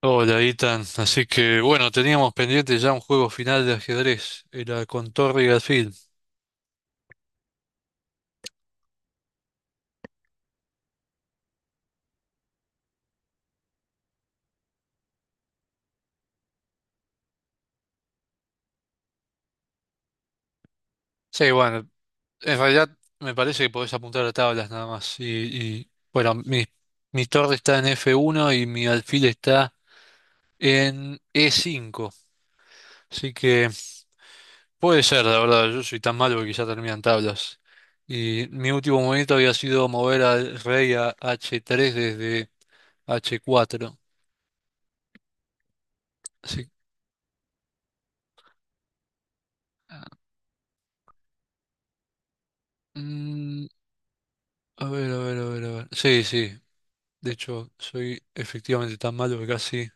Hola, Itan. Así que bueno, teníamos pendiente ya un juego final de ajedrez, era con Torre y Alfil. Sí, bueno, en realidad me parece que podés apuntar a tablas nada más. Y, bueno, mi torre está en F1 y mi alfil está en E5. Así que puede ser, la verdad, yo soy tan malo que quizá terminan tablas. Y mi último movimiento había sido mover al rey a H3 desde H4. Así, ah, mm, A ver, a ver, a ver, a ver. Sí, sí. De hecho, soy efectivamente tan malo que casi.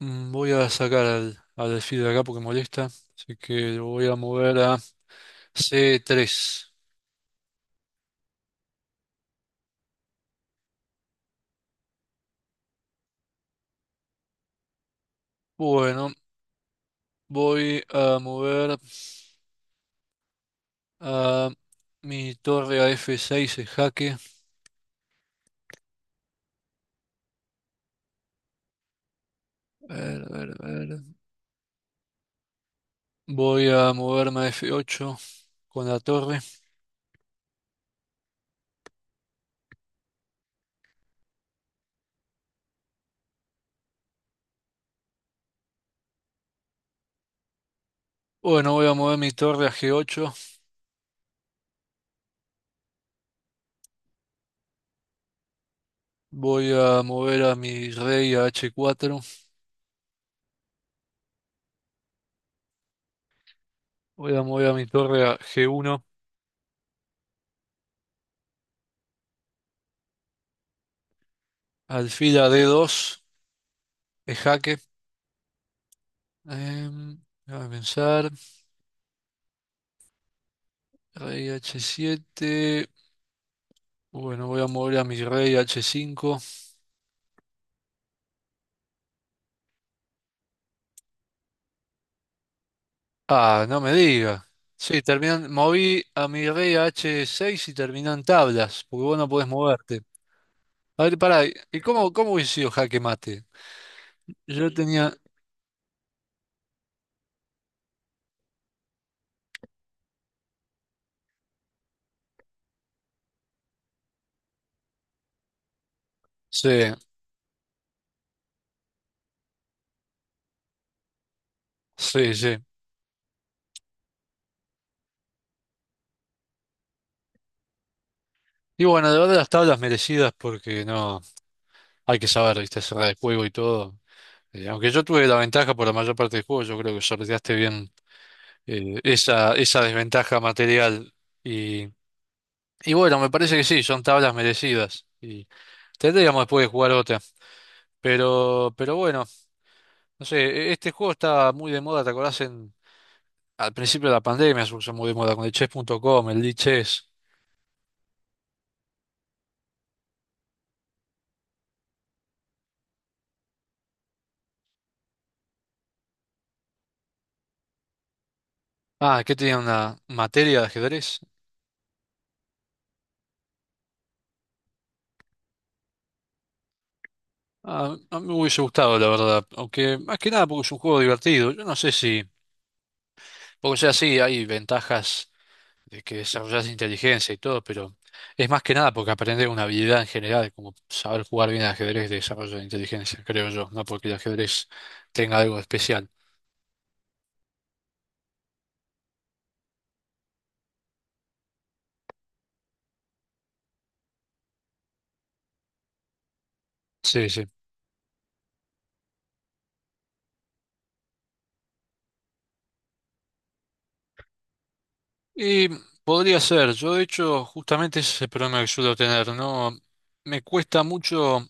Voy a sacar al alfil de acá porque molesta. Así que lo voy a mover a C3. Bueno, voy a mover a mi torre a F6 en jaque. A ver, a ver, a ver. Voy a moverme a F8 con la torre. Bueno, voy a mover mi torre a G8. Voy a mover a mi rey a H4. Voy a mover a mi torre a G1. Alfila D2 es jaque. Em, Déjame pensar. Rey H7. Bueno, voy a mover a mi rey H5. Ah, no me diga. Sí, terminan, moví a mi rey a H6 y terminan tablas, porque vos no podés moverte. A ver, pará, ¿y cómo hubiese sido jaque mate? Yo tenía. Sí, sí, sí. Y bueno, de verdad las tablas merecidas porque no. Hay que saber, viste, cerrar el juego y todo. Aunque yo tuve la ventaja por la mayor parte del juego, yo creo que sorteaste bien. Esa desventaja material. Y, y bueno, me parece que sí, son tablas merecidas. Y tendríamos después de jugar otra. Pero bueno, no sé, este juego estaba muy de moda, ¿te acordás? Al principio de la pandemia se puso muy de moda con el chess.com, el lichess. Ah, que tenía una materia de ajedrez. Ah, a mí me hubiese gustado, la verdad. Aunque más que nada porque es un juego divertido. Yo no sé si, porque o sea, sí, hay ventajas de que desarrollas inteligencia y todo, pero es más que nada porque aprendes una habilidad en general, como saber jugar bien al ajedrez de desarrollo de inteligencia, creo yo, no porque el ajedrez tenga algo especial. Sí, sí. Y podría ser, yo de hecho, justamente ese es el problema que suelo tener, ¿no? Me cuesta mucho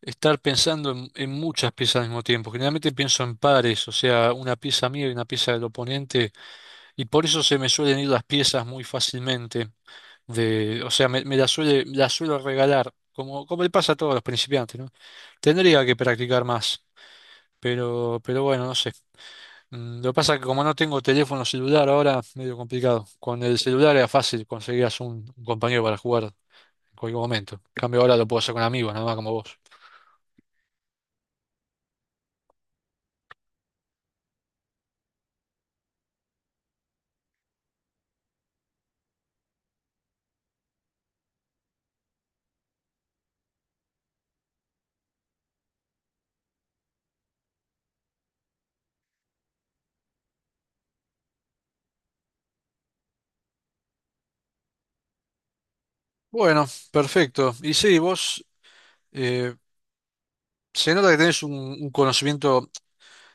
estar pensando en muchas piezas al mismo tiempo. Generalmente pienso en pares, o sea, una pieza mía y una pieza del oponente, y por eso se me suelen ir las piezas muy fácilmente. O sea, me la suelo regalar, como le pasa a todos los principiantes, ¿no? Tendría que practicar más, pero bueno, no sé. Lo que pasa es que como no tengo teléfono celular ahora, medio complicado. Con el celular era fácil, conseguías un compañero para jugar en cualquier momento. En cambio ahora lo puedo hacer con amigos, nada más como vos. Bueno, perfecto. Y sí, vos eh, se nota que tenés un conocimiento.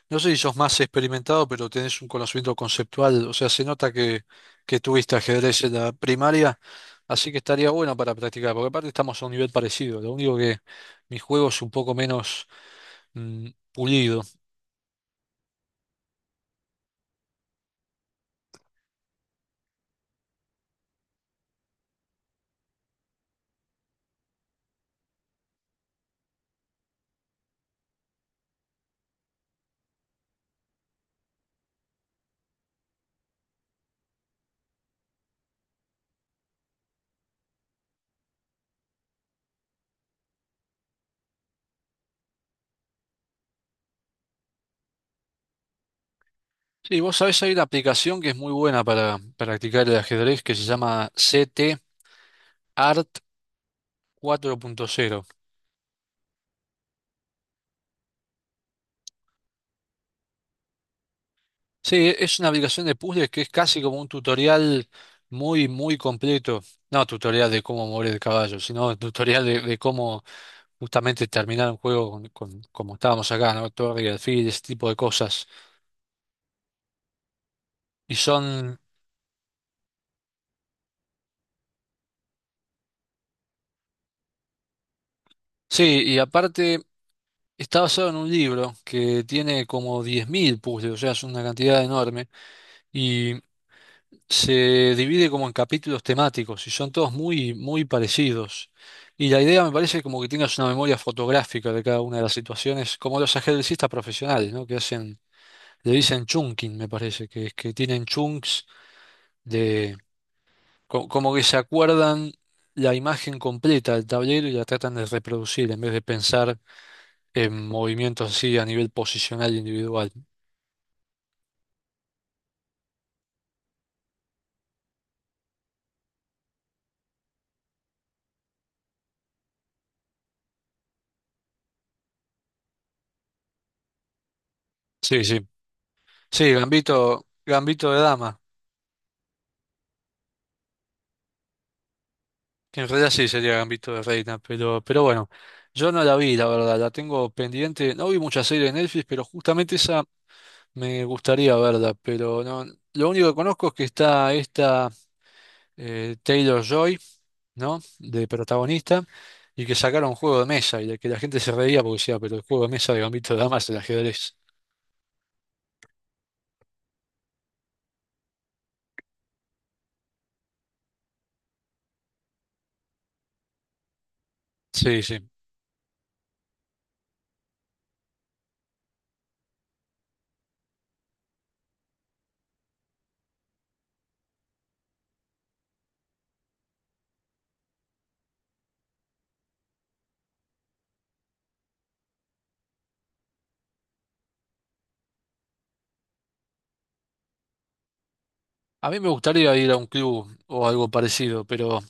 No sé si sos más experimentado, pero tenés un conocimiento conceptual, o sea, se nota que tuviste ajedrez en la primaria, así que estaría bueno para practicar, porque aparte estamos a un nivel parecido, lo único que mi juego es un poco menos pulido. Sí, vos sabés, hay una aplicación que es muy buena para practicar el ajedrez que se llama CT Art 4.0. Sí, es una aplicación de puzzles que es casi como un tutorial muy, muy completo. No tutorial de cómo mover el caballo, sino tutorial de cómo justamente terminar un juego como estábamos acá, ¿no? Torre y alfil, ese tipo de cosas. Y son, sí, y aparte está basado en un libro que tiene como 10.000 puzzles, o sea, es una cantidad enorme, y se divide como en capítulos temáticos, y son todos muy, muy parecidos. Y la idea me parece como que tengas una memoria fotográfica de cada una de las situaciones, como los ajedrecistas profesionales, ¿no? Que hacen, le dicen chunking, me parece, que es que tienen chunks como que se acuerdan la imagen completa del tablero y la tratan de reproducir en vez de pensar en movimientos así a nivel posicional e individual. Sí, sí. Sí, Gambito de dama, que en realidad sí sería Gambito de reina, pero bueno, yo no la vi, la verdad, la tengo pendiente. No vi muchas series de Netflix, pero justamente esa me gustaría verla, pero no, lo único que conozco es que está esta Taylor Joy, ¿no? De protagonista, y que sacaron un juego de mesa, y de que la gente se reía porque decía, pero el juego de mesa de Gambito de Damas, el ajedrez. Sí, sí. A mí me gustaría ir a un club o algo parecido, pero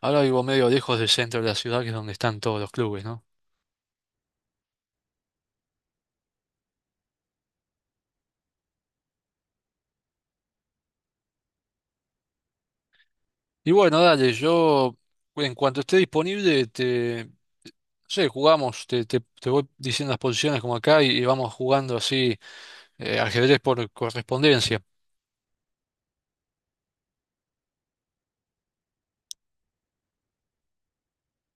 ahora vivo medio lejos del centro de la ciudad, que es donde están todos los clubes, ¿no? Y bueno, dale, yo en cuanto esté disponible, no sé, jugamos, te voy diciendo las posiciones como acá y vamos jugando así ajedrez por correspondencia.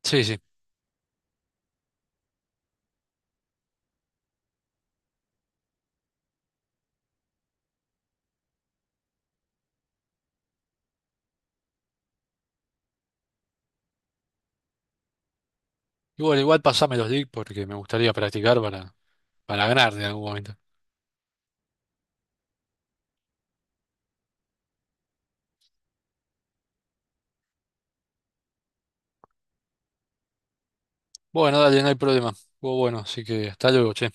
Sí, sí. Igual, igual pasame los links porque me gustaría practicar para ganar de algún momento. Bueno, dale, no hay problema. Estuvo bueno, así que hasta luego, che.